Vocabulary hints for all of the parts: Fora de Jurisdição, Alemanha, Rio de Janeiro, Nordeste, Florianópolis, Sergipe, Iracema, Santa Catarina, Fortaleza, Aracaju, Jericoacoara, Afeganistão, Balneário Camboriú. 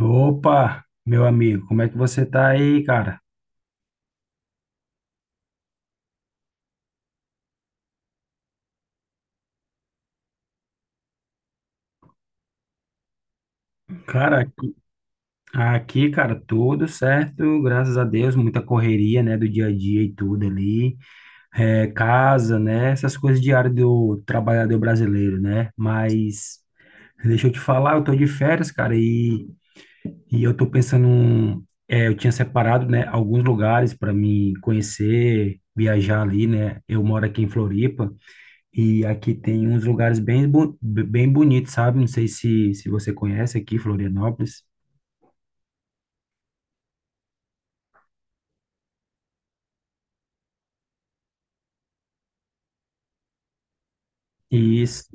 Opa, meu amigo, como é que você tá aí, cara? Cara, aqui, cara, tudo certo, graças a Deus, muita correria, né, do dia a dia e tudo ali, é, casa, né, essas coisas diárias do trabalhador brasileiro, né? Mas, deixa eu te falar, eu tô de férias, cara, e eu tô pensando, eu tinha separado, né, alguns lugares para me conhecer, viajar ali, né? Eu moro aqui em Floripa. E aqui tem uns lugares bem bonitos, sabe? Não sei se você conhece aqui, Florianópolis. E s-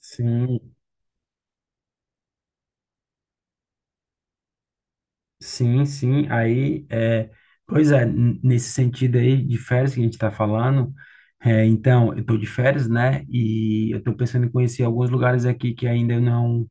sim, sim, sim. Aí, pois é, nesse sentido aí de férias que a gente está falando, então, eu estou de férias, né? E eu estou pensando em conhecer alguns lugares aqui que ainda eu não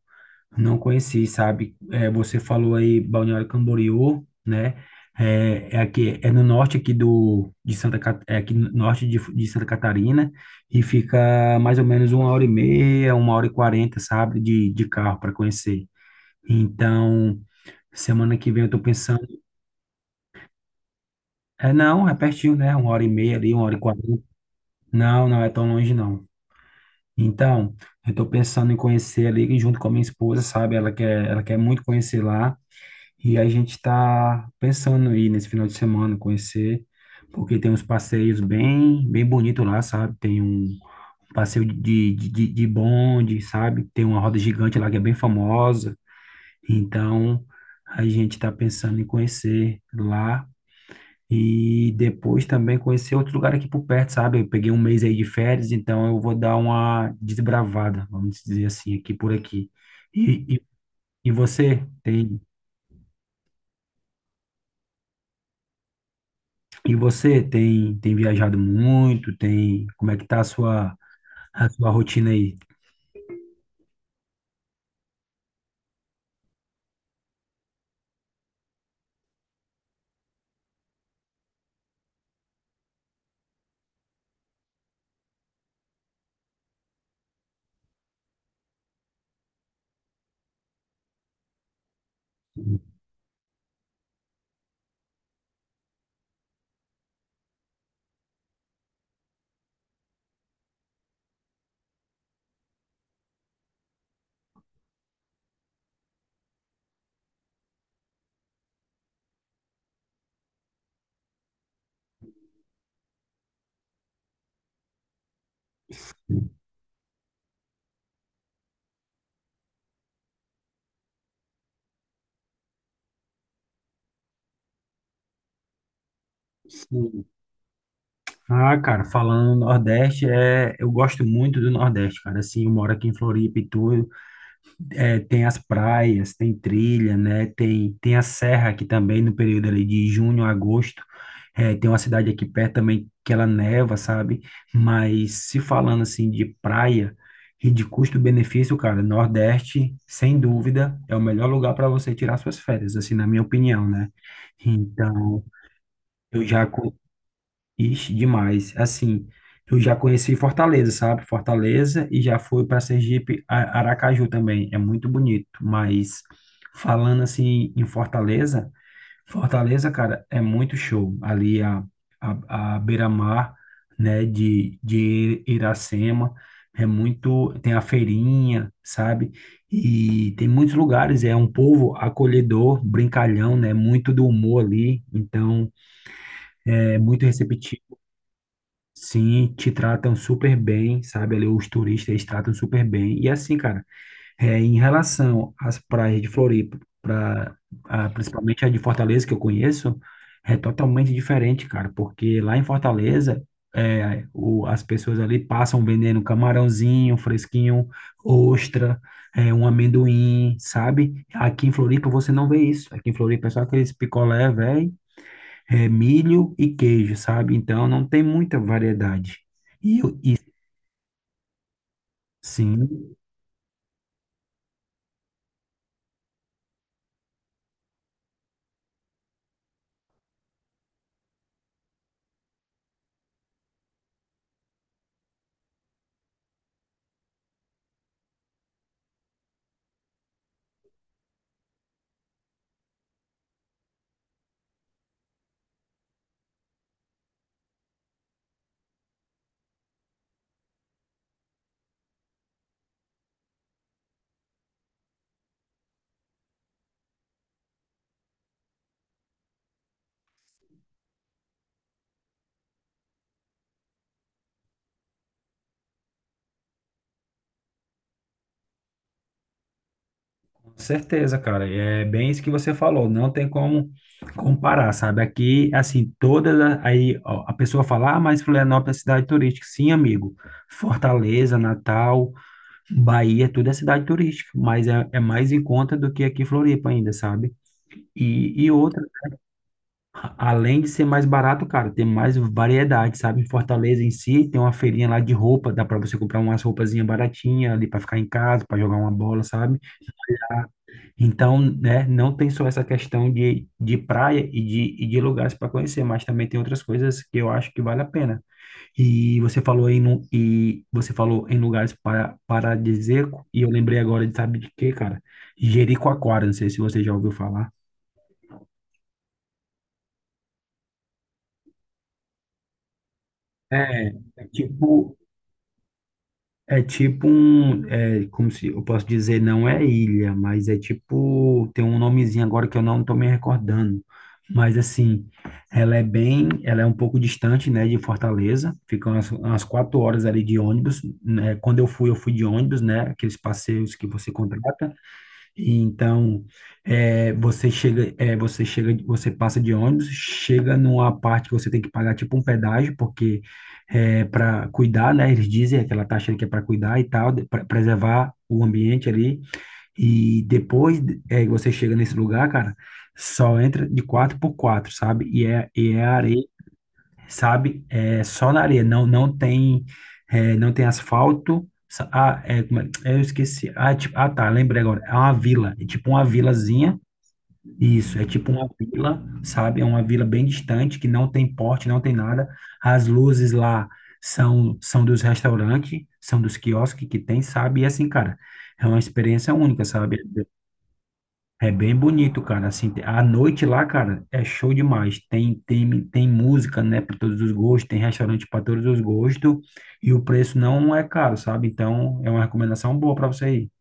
Não conheci, sabe? É, você falou aí Balneário Camboriú, né? É aqui, é no norte aqui do de Santa Ca- é aqui no norte de Santa Catarina, e fica mais ou menos uma hora e meia, uma hora e quarenta, sabe? De carro para conhecer. Então, semana que vem eu tô pensando. É não, é pertinho, né? Uma hora e meia ali, uma hora e quarenta. Não, não é tão longe não. Então, eu tô pensando em conhecer ali junto com a minha esposa, sabe? Ela quer muito conhecer lá. E a gente está pensando em ir nesse final de semana conhecer, porque tem uns passeios bem, bem bonitos lá, sabe? Tem um passeio de bonde, sabe? Tem uma roda gigante lá que é bem famosa. Então, a gente está pensando em conhecer lá e depois também conhecer outro lugar aqui por perto, sabe? Eu peguei um mês aí de férias, então eu vou dar uma desbravada, vamos dizer assim, aqui por aqui. E, e, e você tem. E você tem viajado muito? Tem, como é que tá a sua rotina aí? Sim. Ah, cara, falando no Nordeste, eu gosto muito do Nordeste, cara. Assim, eu moro aqui em Floripa e tudo. Tem as praias, tem trilha, né? Tem a serra aqui também, no período ali de junho a agosto. Tem uma cidade aqui perto também que ela neva, sabe? Mas se falando assim de praia e de custo-benefício, cara, Nordeste, sem dúvida, é o melhor lugar para você tirar suas férias, assim, na minha opinião, né? Então, eu já, co- ixi, demais. Assim, eu já conheci Fortaleza, sabe? Fortaleza e já fui para Sergipe, Aracaju também. É muito bonito, mas falando assim em Fortaleza, cara, é muito show. Ali a beira-mar, né, de Iracema, tem a feirinha, sabe? E tem muitos lugares, é um povo acolhedor, brincalhão, né? Muito do humor ali, então é muito receptivo. Sim, te tratam super bem, sabe? Ali os turistas eles tratam super bem. E assim, cara, em relação às praias de Floripa, principalmente a de Fortaleza que eu conheço, é totalmente diferente, cara, porque lá em Fortaleza, as pessoas ali passam vendendo camarãozinho fresquinho, ostra, um amendoim, sabe? Aqui em Floripa você não vê isso. Aqui em Floripa é só aqueles picolé, velho, é milho e queijo, sabe? Então não tem muita variedade. E, eu- e sim, com certeza, cara. É bem isso que você falou. Não tem como comparar, sabe? Aqui, assim, aí ó, a pessoa fala, ah, mas Florianópolis é cidade turística. Sim, amigo. Fortaleza, Natal, Bahia, tudo é cidade turística, mas é mais em conta do que aqui em Floripa ainda, sabe? E outra, além de ser mais barato, cara, tem mais variedade, sabe? Em Fortaleza em si, tem uma feirinha lá de roupa, dá pra você comprar umas roupazinhas baratinhas ali pra ficar em casa, pra jogar uma bola, sabe? Então, né, não tem só essa questão de praia e de lugares para conhecer, mas também tem outras coisas que eu acho que vale a pena. E você falou em, lu- e você falou em lugares paradisíaco, e eu lembrei agora de, sabe de quê, cara? Jericoacoara, não sei se você já ouviu falar. É, é tipo, É tipo um, como se eu posso dizer, não é ilha, mas é tipo, tem um nomezinho agora que eu não tô me recordando. Mas assim, ela é um pouco distante, né, de Fortaleza. Fica umas 4 horas ali de ônibus, né? Quando eu fui de ônibus, né? Aqueles passeios que você contrata. E então, você passa de ônibus, chega numa parte que você tem que pagar tipo um pedágio, porque é para cuidar, né? Eles dizem aquela taxa que é para cuidar e tal, para preservar o ambiente ali. E depois, você chega nesse lugar, cara, só entra de 4x4, sabe? E é areia, sabe? É só na areia, não tem asfalto. Ah, eu esqueci. Ah, é tipo, ah, tá, lembrei agora. É uma vila, é tipo uma vilazinha. Isso, é tipo uma vila, sabe? É uma vila bem distante, que não tem porte, não tem nada. As luzes lá são dos restaurantes, são dos quiosques que tem, sabe? E assim, cara, é uma experiência única, sabe? É bem bonito, cara. Assim, a noite lá, cara, é show demais. Tem música, né, para todos os gostos, tem restaurante para todos os gostos e o preço não é caro, sabe? Então, é uma recomendação boa para você ir.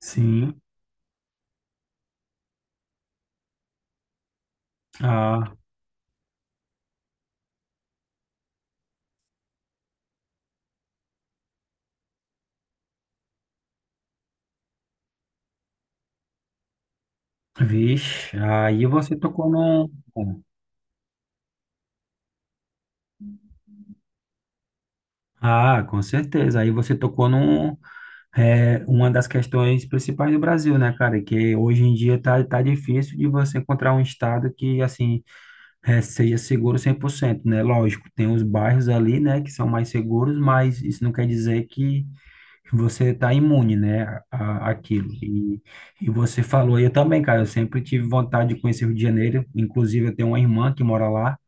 Sim. Ah, vixe. Aí você tocou num. Ah, com certeza. Aí você tocou num, uma das questões principais do Brasil, né, cara? Que hoje em dia tá difícil de você encontrar um estado que, assim, seja seguro 100%, né? Lógico, tem os bairros ali, né, que são mais seguros, mas isso não quer dizer que você está imune, né, aquilo. E você falou, eu também, cara, eu sempre tive vontade de conhecer o Rio de Janeiro, inclusive eu tenho uma irmã que mora lá,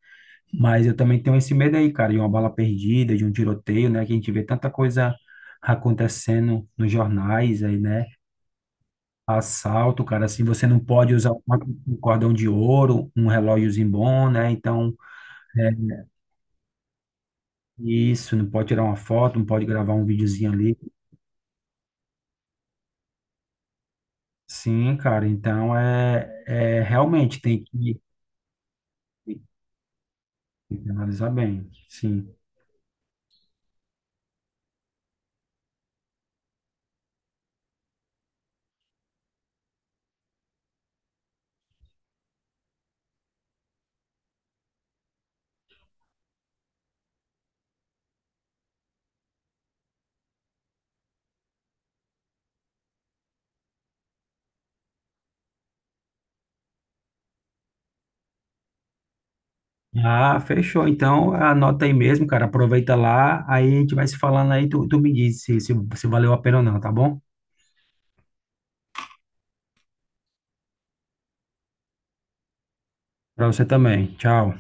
mas eu também tenho esse medo aí, cara, de uma bala perdida, de um tiroteio, né, que a gente vê tanta coisa acontecendo nos jornais aí, né? Assalto, cara, assim, você não pode usar um cordão de ouro, um relógiozinho bom, né? Então, é, isso, não pode tirar uma foto, não pode gravar um videozinho ali. Sim, cara, então é realmente tem que analisar bem, sim. Ah, fechou. Então anota aí mesmo, cara. Aproveita lá, aí a gente vai se falando aí, tu me diz se valeu a pena ou não, tá bom? Pra você também. Tchau.